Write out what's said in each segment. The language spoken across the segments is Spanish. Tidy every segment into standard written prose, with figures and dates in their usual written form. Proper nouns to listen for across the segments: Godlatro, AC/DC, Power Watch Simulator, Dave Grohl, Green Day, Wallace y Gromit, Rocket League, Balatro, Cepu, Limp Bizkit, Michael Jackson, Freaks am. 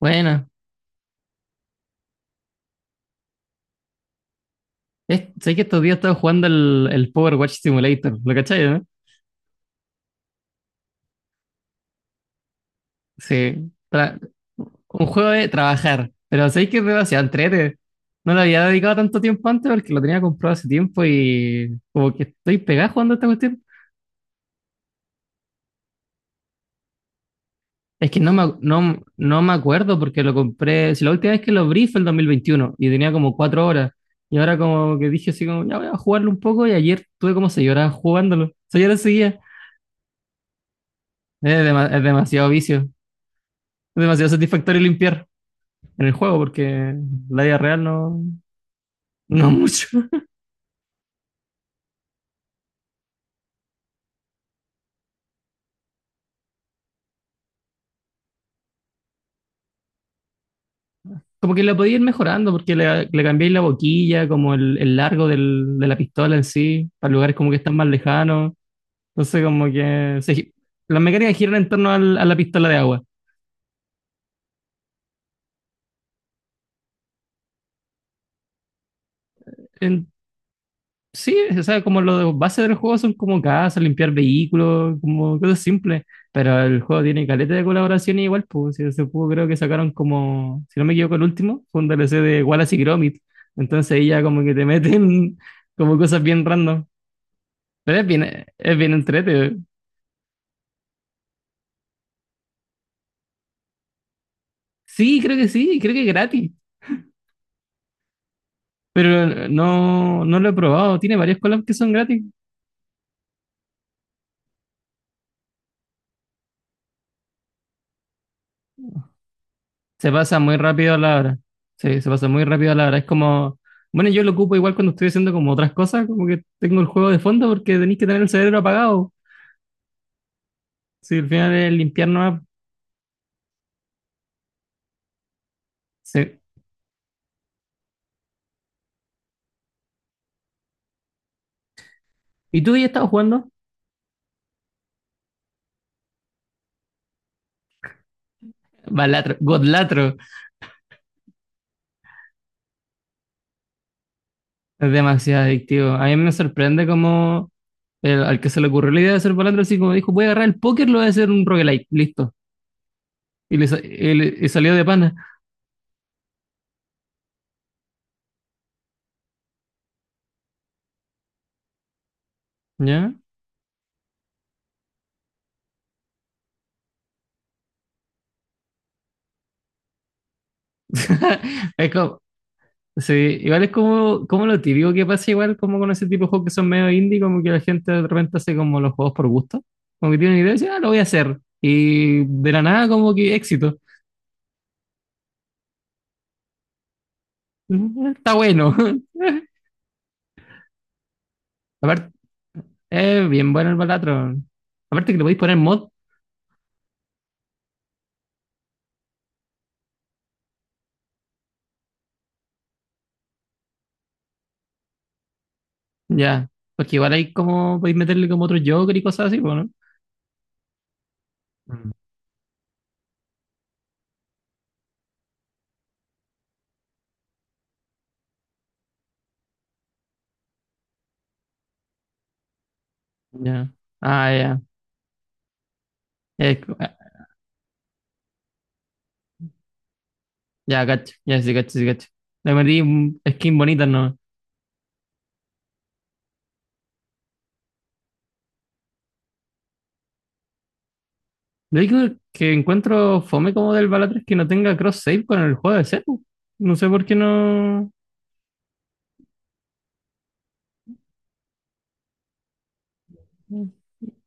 Bueno, sé que estos días estaba jugando el Power Watch Simulator, ¿lo cachai, no? Sí, tra- un juego de trabajar, pero sé que es demasiado entrete. No le había dedicado tanto tiempo antes porque lo tenía comprado hace tiempo y como que estoy pegado jugando a esta cuestión. Es que no me acuerdo porque lo compré, si la última vez que lo abrí fue el 2021 y tenía como 4 horas. Y ahora como que dije así como, ya voy a jugarlo un poco y ayer tuve como 6 horas jugándolo. 6 horas seguía. Es demasiado vicio. Demasiado satisfactorio limpiar en el juego porque la vida real no, no mucho. Como que la podía ir mejorando porque le cambiáis la boquilla, como el largo de la pistola en sí, para lugares como que están más lejanos. Entonces, como que se las mecánicas giran en torno a la pistola de agua. En- Sí, o sea, como los bases del juego son como casas, limpiar vehículos, como cosas simples. Pero el juego tiene caleta de colaboraciones igual, pues si ese juego creo que sacaron como, si no me equivoco, el último, fue un DLC de Wallace y Gromit. Entonces ahí ya como que te meten como cosas bien random. Pero es bien entrete. Sí, creo que es gratis. Pero no lo he probado. Tiene varias collabs que son gratis. Se pasa muy rápido la hora. Sí, se pasa muy rápido la hora. Es como, bueno, yo lo ocupo igual cuando estoy haciendo como otras cosas, como que tengo el juego de fondo porque tenéis que tener el cerebro apagado. Si al final es limpiar nomás. Sí. ¿Y tú ya estabas jugando? Balatro, Godlatro. Es demasiado adictivo. A mí me sorprende como al que se le ocurrió la idea de hacer Balatro, así como dijo, voy a agarrar el póker, lo voy a hacer un roguelike. Listo. Y, le sa- y le- y salió de pana. ¿Ya? Es como, sí, igual es como, como lo típico que pasa, igual como con ese tipo de juegos que son medio indie, como que la gente de repente hace como los juegos por gusto, como que tiene una idea y dice, ah, lo voy a hacer. Y de la nada, como que éxito. Mm, está bueno. Aparte, es bien bueno el Balatron. Aparte que le podéis poner mod, ya. Porque igual hay como, podéis meterle como otro Joker y cosas así, bueno. Mm. Ya. Ah, ya. Es- ah, ya, cacho. Ya, sí, cacho, sí, cacho. Le metí un skin bonita, ¿no? Lo único que encuentro fome como del Balatro es que no tenga cross-save con el juego de Cepu. No sé por qué no.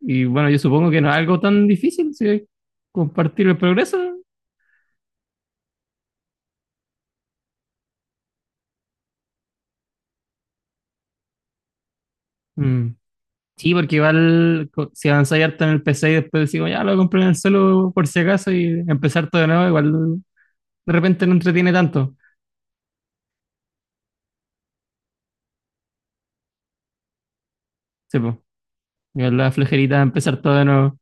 Y bueno, yo supongo que no es algo tan difícil, si compartir el progreso. Mm. Sí, porque igual si avanzáis harto en el PC y después decimos, ya lo compré en el celu por si acaso y empezar todo de nuevo, igual de repente no entretiene tanto. Sí, pues, igual la flejerita de empezar todo de nuevo.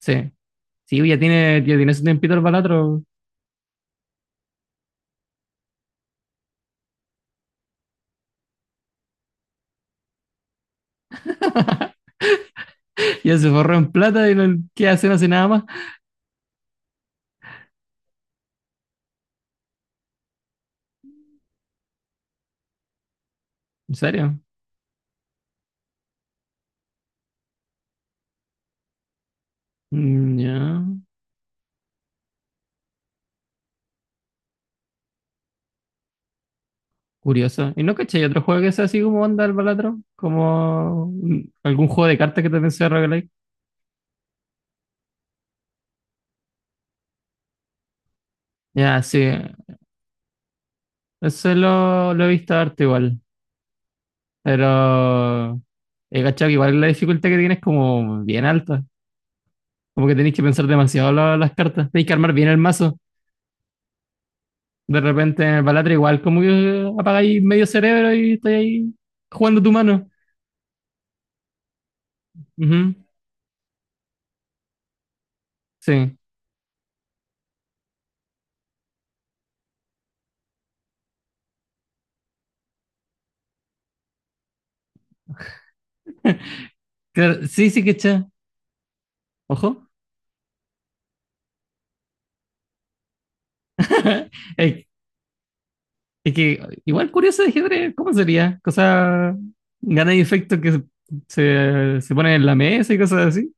Sí, sí, ya tiene su tiempito el balatro, ya se forró en plata y no, ¿qué hace? No hace nada más. En serio. Mm, ya, curioso. ¿Y no caché? ¿Hay otro juego que sea así como onda el Balatro? ¿Como algún juego de cartas que también sea roguelike? Ya, sí. Eso lo he visto harto igual. Pero he cachado que igual la dificultad que tienes es como bien alta. Como que tenéis que pensar demasiado las cartas. Tenéis que armar bien el mazo. De repente en el Balatro igual como que apagáis medio cerebro y estáis ahí jugando tu mano. Ujú, sí. Claro, sí, sí, caché. Ojo. Es Es que igual curioso de ajedrez, ¿cómo sería? Cosa, gana y efecto que se ponen en la mesa y cosas así.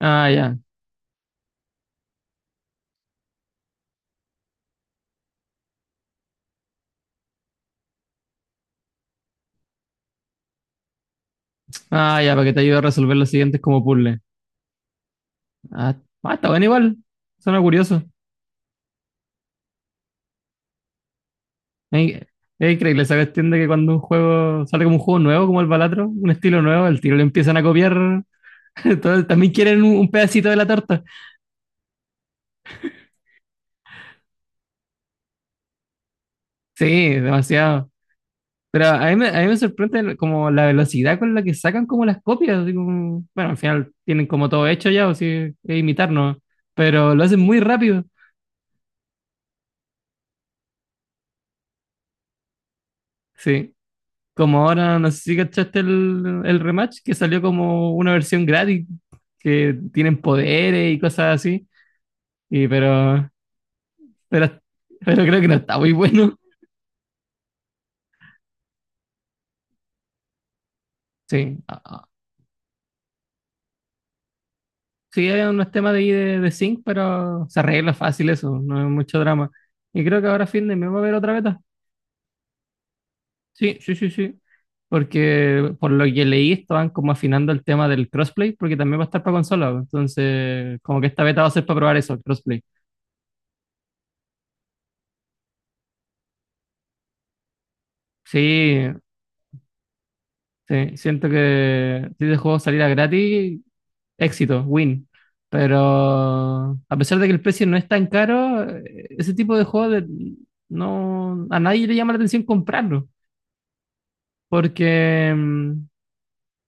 Ah, ya. Ah, ya, para que te ayude a resolver los siguientes como puzzle. Ah, ah, está bueno igual. Suena curioso. Es es increíble esa cuestión de que cuando un juego sale como un juego nuevo, como el Balatro, un estilo nuevo, el tiro le empiezan a copiar. También quieren un pedacito de la torta. Sí, demasiado. Pero a mí me sorprende como la velocidad con la que sacan como las copias. Así como, bueno, al final tienen como todo hecho ya, o si es imitarnos, pero lo hacen muy rápido. Sí. Como ahora, no sé si cachaste el rematch, que salió como una versión gratis, que tienen poderes y cosas así. Y pero, pero, pero creo que no está muy bueno. Sí. Ah, ah. Sí, hay unos temas de ahí de sync, pero se arregla fácil eso, no es mucho drama. Y creo que ahora fin de mes va a haber otra beta. Sí, sí, sí, sí. Porque por lo que leí, estaban como afinando el tema del crossplay, porque también va a estar para consola, pues. Entonces, como que esta beta va a ser para probar eso, el crossplay. Sí, sí, siento que si este juego saliera gratis, éxito, win. Pero a pesar de que el precio no es tan caro, ese tipo de no, a nadie le llama la atención comprarlo. Porque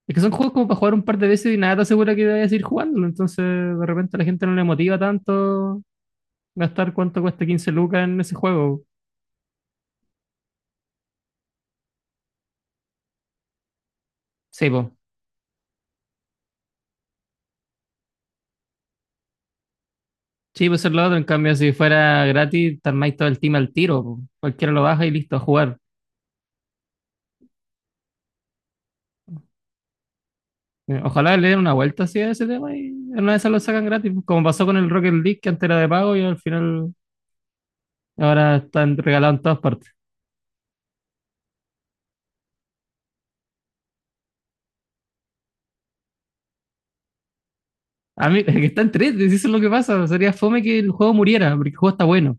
es que son juegos como para jugar un par de veces y nada te asegura que vayas a ir jugándolo. Entonces, de repente a la gente no le motiva tanto gastar cuánto cuesta 15 lucas en ese juego. Sí, pues. Sí, pues es lo otro. En cambio, si fuera gratis, te armáis todo el team al tiro, po. Cualquiera lo baja y listo, a jugar. Ojalá le den una vuelta así a ese tema y en una de esas lo sacan gratis. Como pasó con el Rocket League, que antes era de pago y al final ahora están regalados en todas partes. A mí, es que están tres, eso es lo que pasa. Sería fome que el juego muriera, porque el juego está bueno.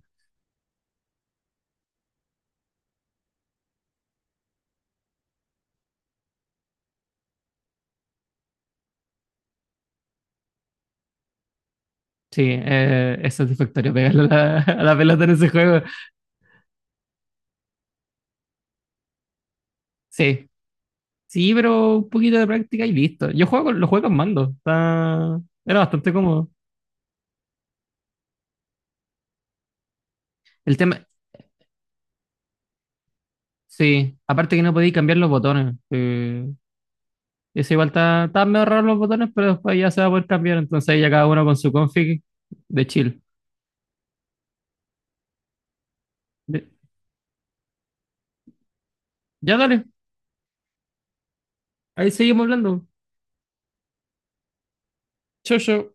Sí, es satisfactorio pegarle a la, a la pelota en ese juego. Sí, sí, pero un poquito de práctica y listo. Yo lo juego con mando. Está... Era bastante cómodo. El tema, sí, aparte que no podéis cambiar los botones. Eso igual está medio raro los botones, pero después ya se va a poder cambiar. Entonces ahí ya cada uno con su config de chill. De- Ya dale, ahí seguimos hablando. Chau, chau.